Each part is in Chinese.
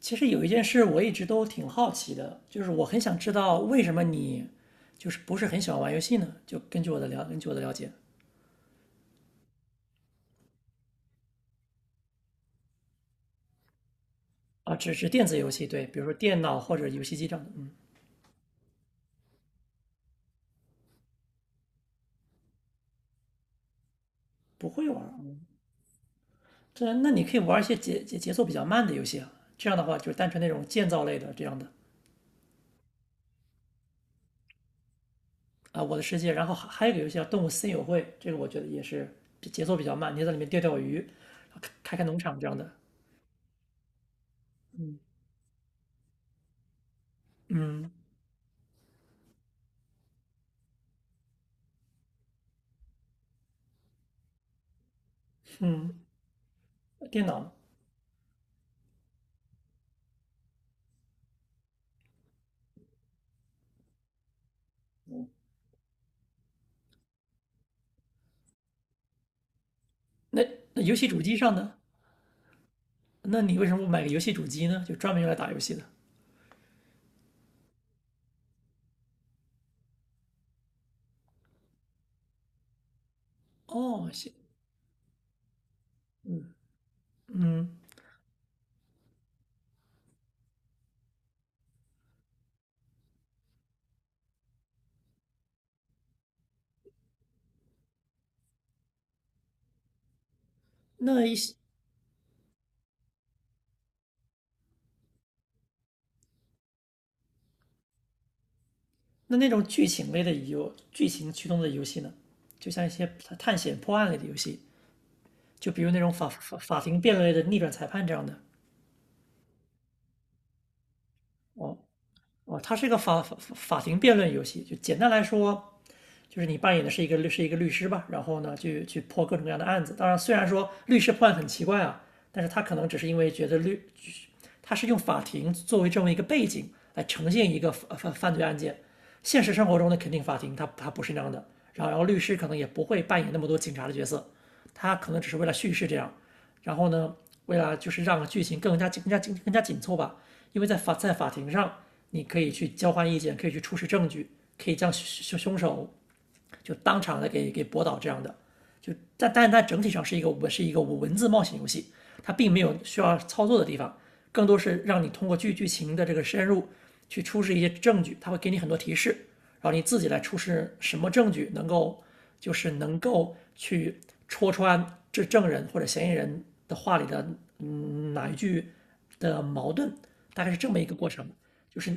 其实有一件事我一直都挺好奇的，就是我很想知道为什么你就是不是很喜欢玩游戏呢？就根据我的了，根据我的了解啊，只是电子游戏，对，比如说电脑或者游戏机这样的，嗯，不会玩儿。嗯这那你可以玩一些节奏比较慢的游戏啊，这样的话就是单纯那种建造类的这样的啊，我的世界。然后还有一个游戏叫《动物森友会》，这个我觉得也是节奏比较慢，你在里面钓鱼，开农场这样的。嗯，电脑那那游戏主机上呢？那你为什么不买个游戏主机呢？就专门用来打游戏的？哦，行，嗯，那一些那那种剧情类的游，剧情驱动的游戏呢，就像一些探险破案类的游戏，就比如那种法庭辩论类的逆转裁判这样的。哦，它是一个法庭辩论游戏，就简单来说，就是你扮演的是一个律是一个律师吧，然后呢，去破各种各样的案子。当然，虽然说律师破案很奇怪啊，但是他可能只是因为觉得他它是用法庭作为这么一个背景来呈现一个犯罪案件。现实生活中的肯定法庭他不是那样的，然后律师可能也不会扮演那么多警察的角色，他可能只是为了叙事这样，然后呢，为了就是让剧情更加紧凑吧，因为在法在法庭上，你可以去交换意见，可以去出示证据，可以将凶手就当场的给驳倒这样的。就但但它整体上是一个我是一个文字冒险游戏，它并没有需要操作的地方，更多是让你通过剧情的这个深入去出示一些证据，它会给你很多提示，然后你自己来出示什么证据能够就是能够去戳穿这证人或者嫌疑人的话里的哪一句的矛盾，大概是这么一个过程。就是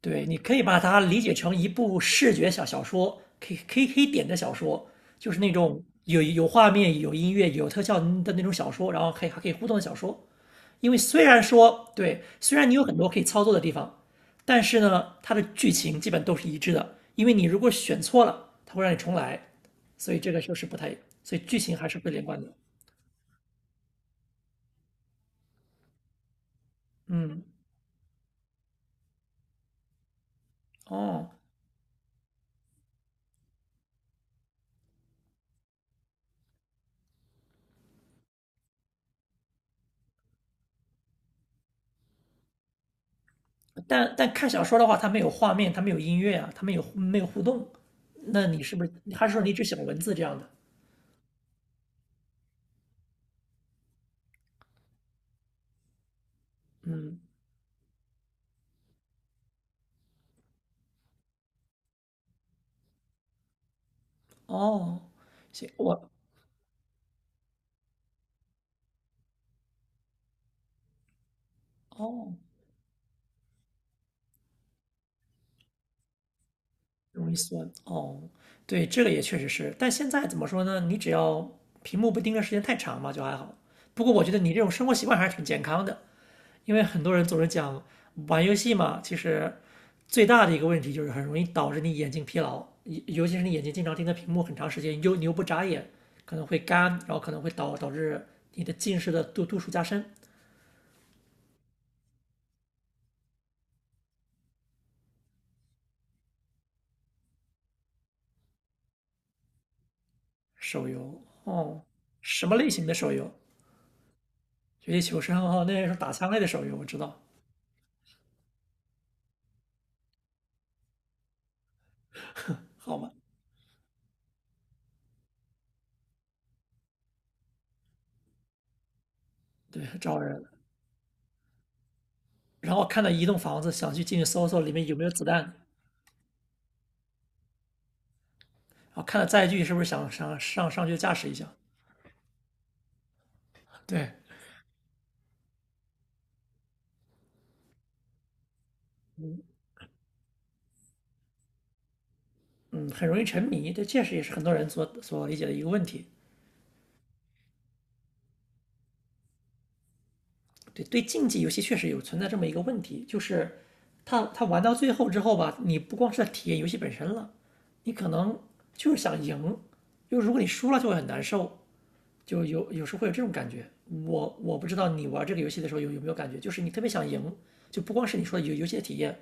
对，你可以把它理解成一部视觉小说，可以点的小说，就是那种有画面、有音乐、有特效的那种小说，然后可以还可以互动的小说。因为虽然说对，虽然你有很多可以操作的地方，但是呢，它的剧情基本都是一致的。因为你如果选错了，它会让你重来，所以这个就是不太，所以剧情还是会连贯的。嗯，哦，但但看小说的话，它没有画面，它没有音乐啊，它没有互动，那你是不是还是说你只写文字这样的？嗯，哦，行，我哦，容易酸哦，对，这个也确实是，但现在怎么说呢？你只要屏幕不盯着时间太长嘛，就还好。不过我觉得你这种生活习惯还是挺健康的，因为很多人总是讲玩游戏嘛，其实最大的一个问题就是很容易导致你眼睛疲劳，尤其是你眼睛经常盯着屏幕很长时间，又你又不眨眼，可能会干，然后可能会导致你的近视的度数加深。手游哦，什么类型的手游？绝地求生哦，那是打枪类的手游，我知道，好吧。对，招人。然后看到一栋房子，想去进去搜里面有没有子弹，然后看到载具是不是想上去驾驶一下。对，嗯，很容易沉迷，这确实也是很多人所理解的一个问题。对，对，竞技游戏确实有存在这么一个问题，就是他玩到最后之后吧，你不光是在体验游戏本身了，你可能就是想赢，就如果你输了就会很难受，就有时候会有这种感觉。我不知道你玩这个游戏的时候有没有感觉，就是你特别想赢，就不光是你说的游戏的体验，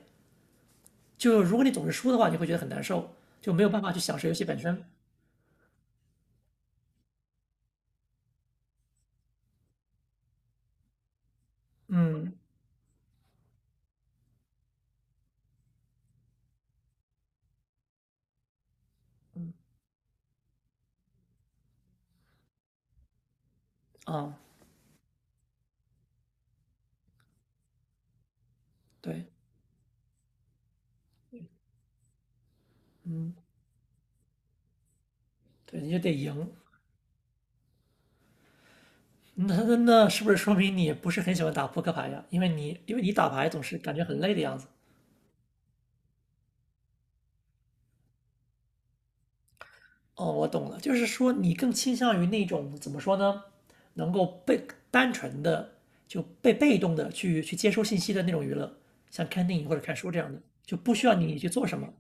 就如果你总是输的话，你会觉得很难受，就没有办法去享受游戏本身。嗯啊，对，嗯，对，你就得赢。那是不是说明你不是很喜欢打扑克牌呀？因为你因为你打牌总是感觉很累的样子。哦，我懂了，就是说你更倾向于那种怎么说呢，能够被单纯的就被动的去接收信息的那种娱乐，像看电影或者看书这样的，就不需要你去做什么。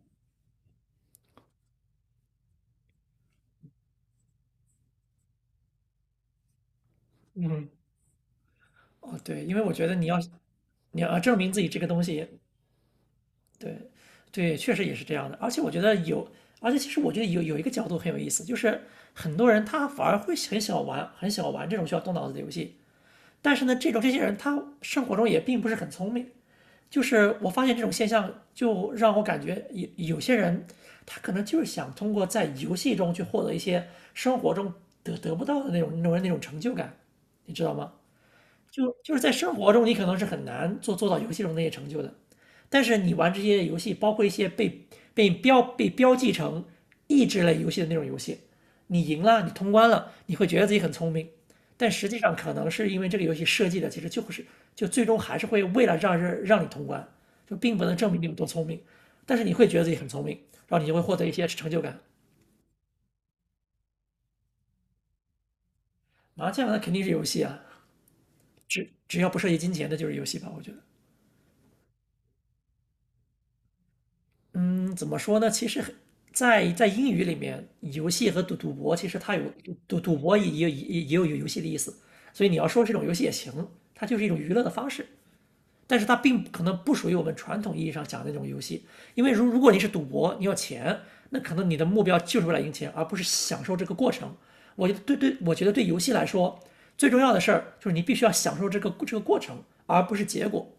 嗯，哦，对，因为我觉得你要你要证明自己这个东西，对，对，确实也是这样的。而且我觉得有，而且其实我觉得有一个角度很有意思，就是很多人他反而会很想玩，很想玩这种需要动脑子的游戏。但是呢，这种这些人他生活中也并不是很聪明。就是我发现这种现象，就让我感觉有些人他可能就是想通过在游戏中去获得一些生活中得不到的那种成就感，你知道吗？就就是在生活中，你可能是很难做到游戏中那些成就的，但是你玩这些游戏，包括一些被标记成益智类游戏的那种游戏，你赢了，你通关了，你会觉得自己很聪明，但实际上可能是因为这个游戏设计的其实就是就最终还是会为了让人让你通关，就并不能证明你有多聪明，但是你会觉得自己很聪明，然后你就会获得一些成就感。麻将那肯定是游戏啊，只要不涉及金钱的就是游戏吧，我觉得。嗯，怎么说呢？其实在在英语里面，游戏和赌博其实它有赌博也有游戏的意思，所以你要说这种游戏也行，它就是一种娱乐的方式，但是它并不可能不属于我们传统意义上讲的那种游戏，因为如如果你是赌博，你要钱，那可能你的目标就是为了赢钱，而不是享受这个过程。我觉得对对，我觉得对游戏来说，最重要的事儿就是你必须要享受这个这个过程，而不是结果。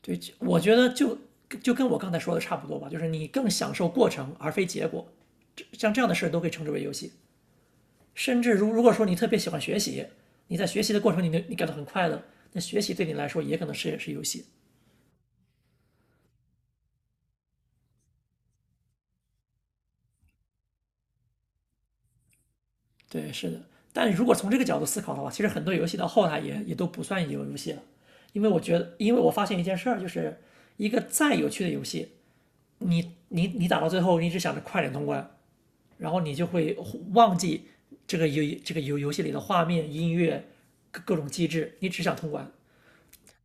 对，就我觉得就就跟我刚才说的差不多吧，就是你更享受过程而非结果，像这样的事都可以称之为游戏。甚至如如果说你特别喜欢学习，你在学习的过程你感到很快乐，那学习对你来说也可能是也是游戏。对，是的。但如果从这个角度思考的话，其实很多游戏到后来也都不算游戏了，因为我觉得，因为我发现一件事儿，就是一个再有趣的游戏，你打到最后，你只想着快点通关，然后你就会忘记这个游这个游戏里的画面、音乐、各种机制，你只想通关。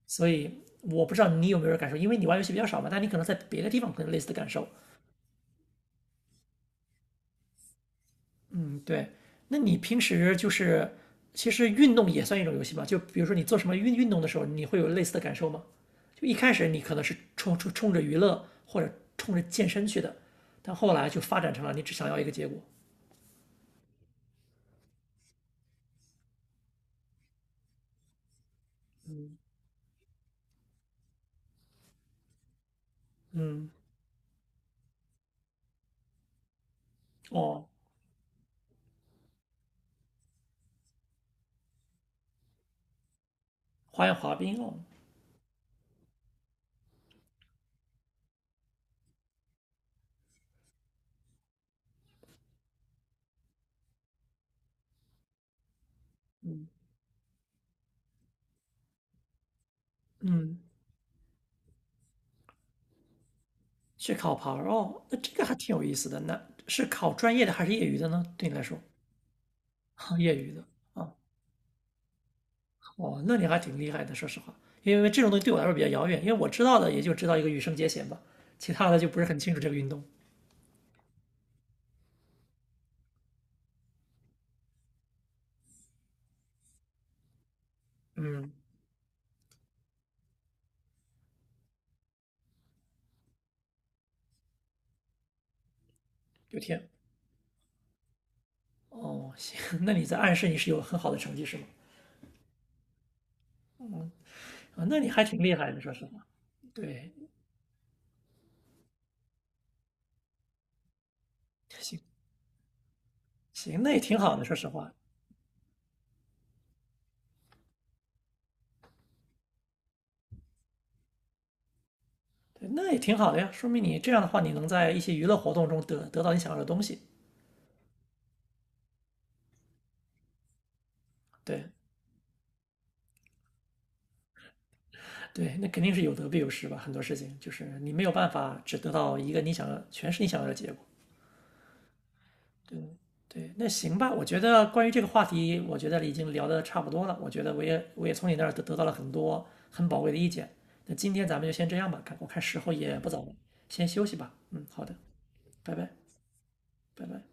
所以我不知道你有没有感受，因为你玩游戏比较少嘛，但你可能在别的地方可能类似的感受。嗯，对。那你平时就是其实运动也算一种游戏吧？就比如说你做什么运动的时候，你会有类似的感受吗？就一开始你可能是冲着娱乐或者冲着健身去的，但后来就发展成了你只想要一个结果。嗯，哦，花样滑冰哦，嗯。去烤盘儿哦，那这个还挺有意思的。那是考专业的还是业余的呢？对你来说，业余的啊，哦，那你还挺厉害的，说实话。因为这种东西对我来说比较遥远，因为我知道的也就知道一个羽生结弦吧，其他的就不是很清楚这个运动。嗯，有天，哦，行，那你在暗示你是有很好的成绩是吗？啊，那你还挺厉害的，说实话。对，行行，那也挺好的，说实话。对，那也挺好的呀，说明你这样的话，你能在一些娱乐活动中得到你想要的东西。对，对，那肯定是有得必有失吧。很多事情就是你没有办法只得到一个你想要，全是你想要的结果。对对，那行吧。我觉得关于这个话题，我觉得已经聊得差不多了。我觉得我也我也从你那儿得到了很多很宝贵的意见。那今天咱们就先这样吧，看我看时候也不早了，先休息吧。嗯，好的，拜拜，拜拜。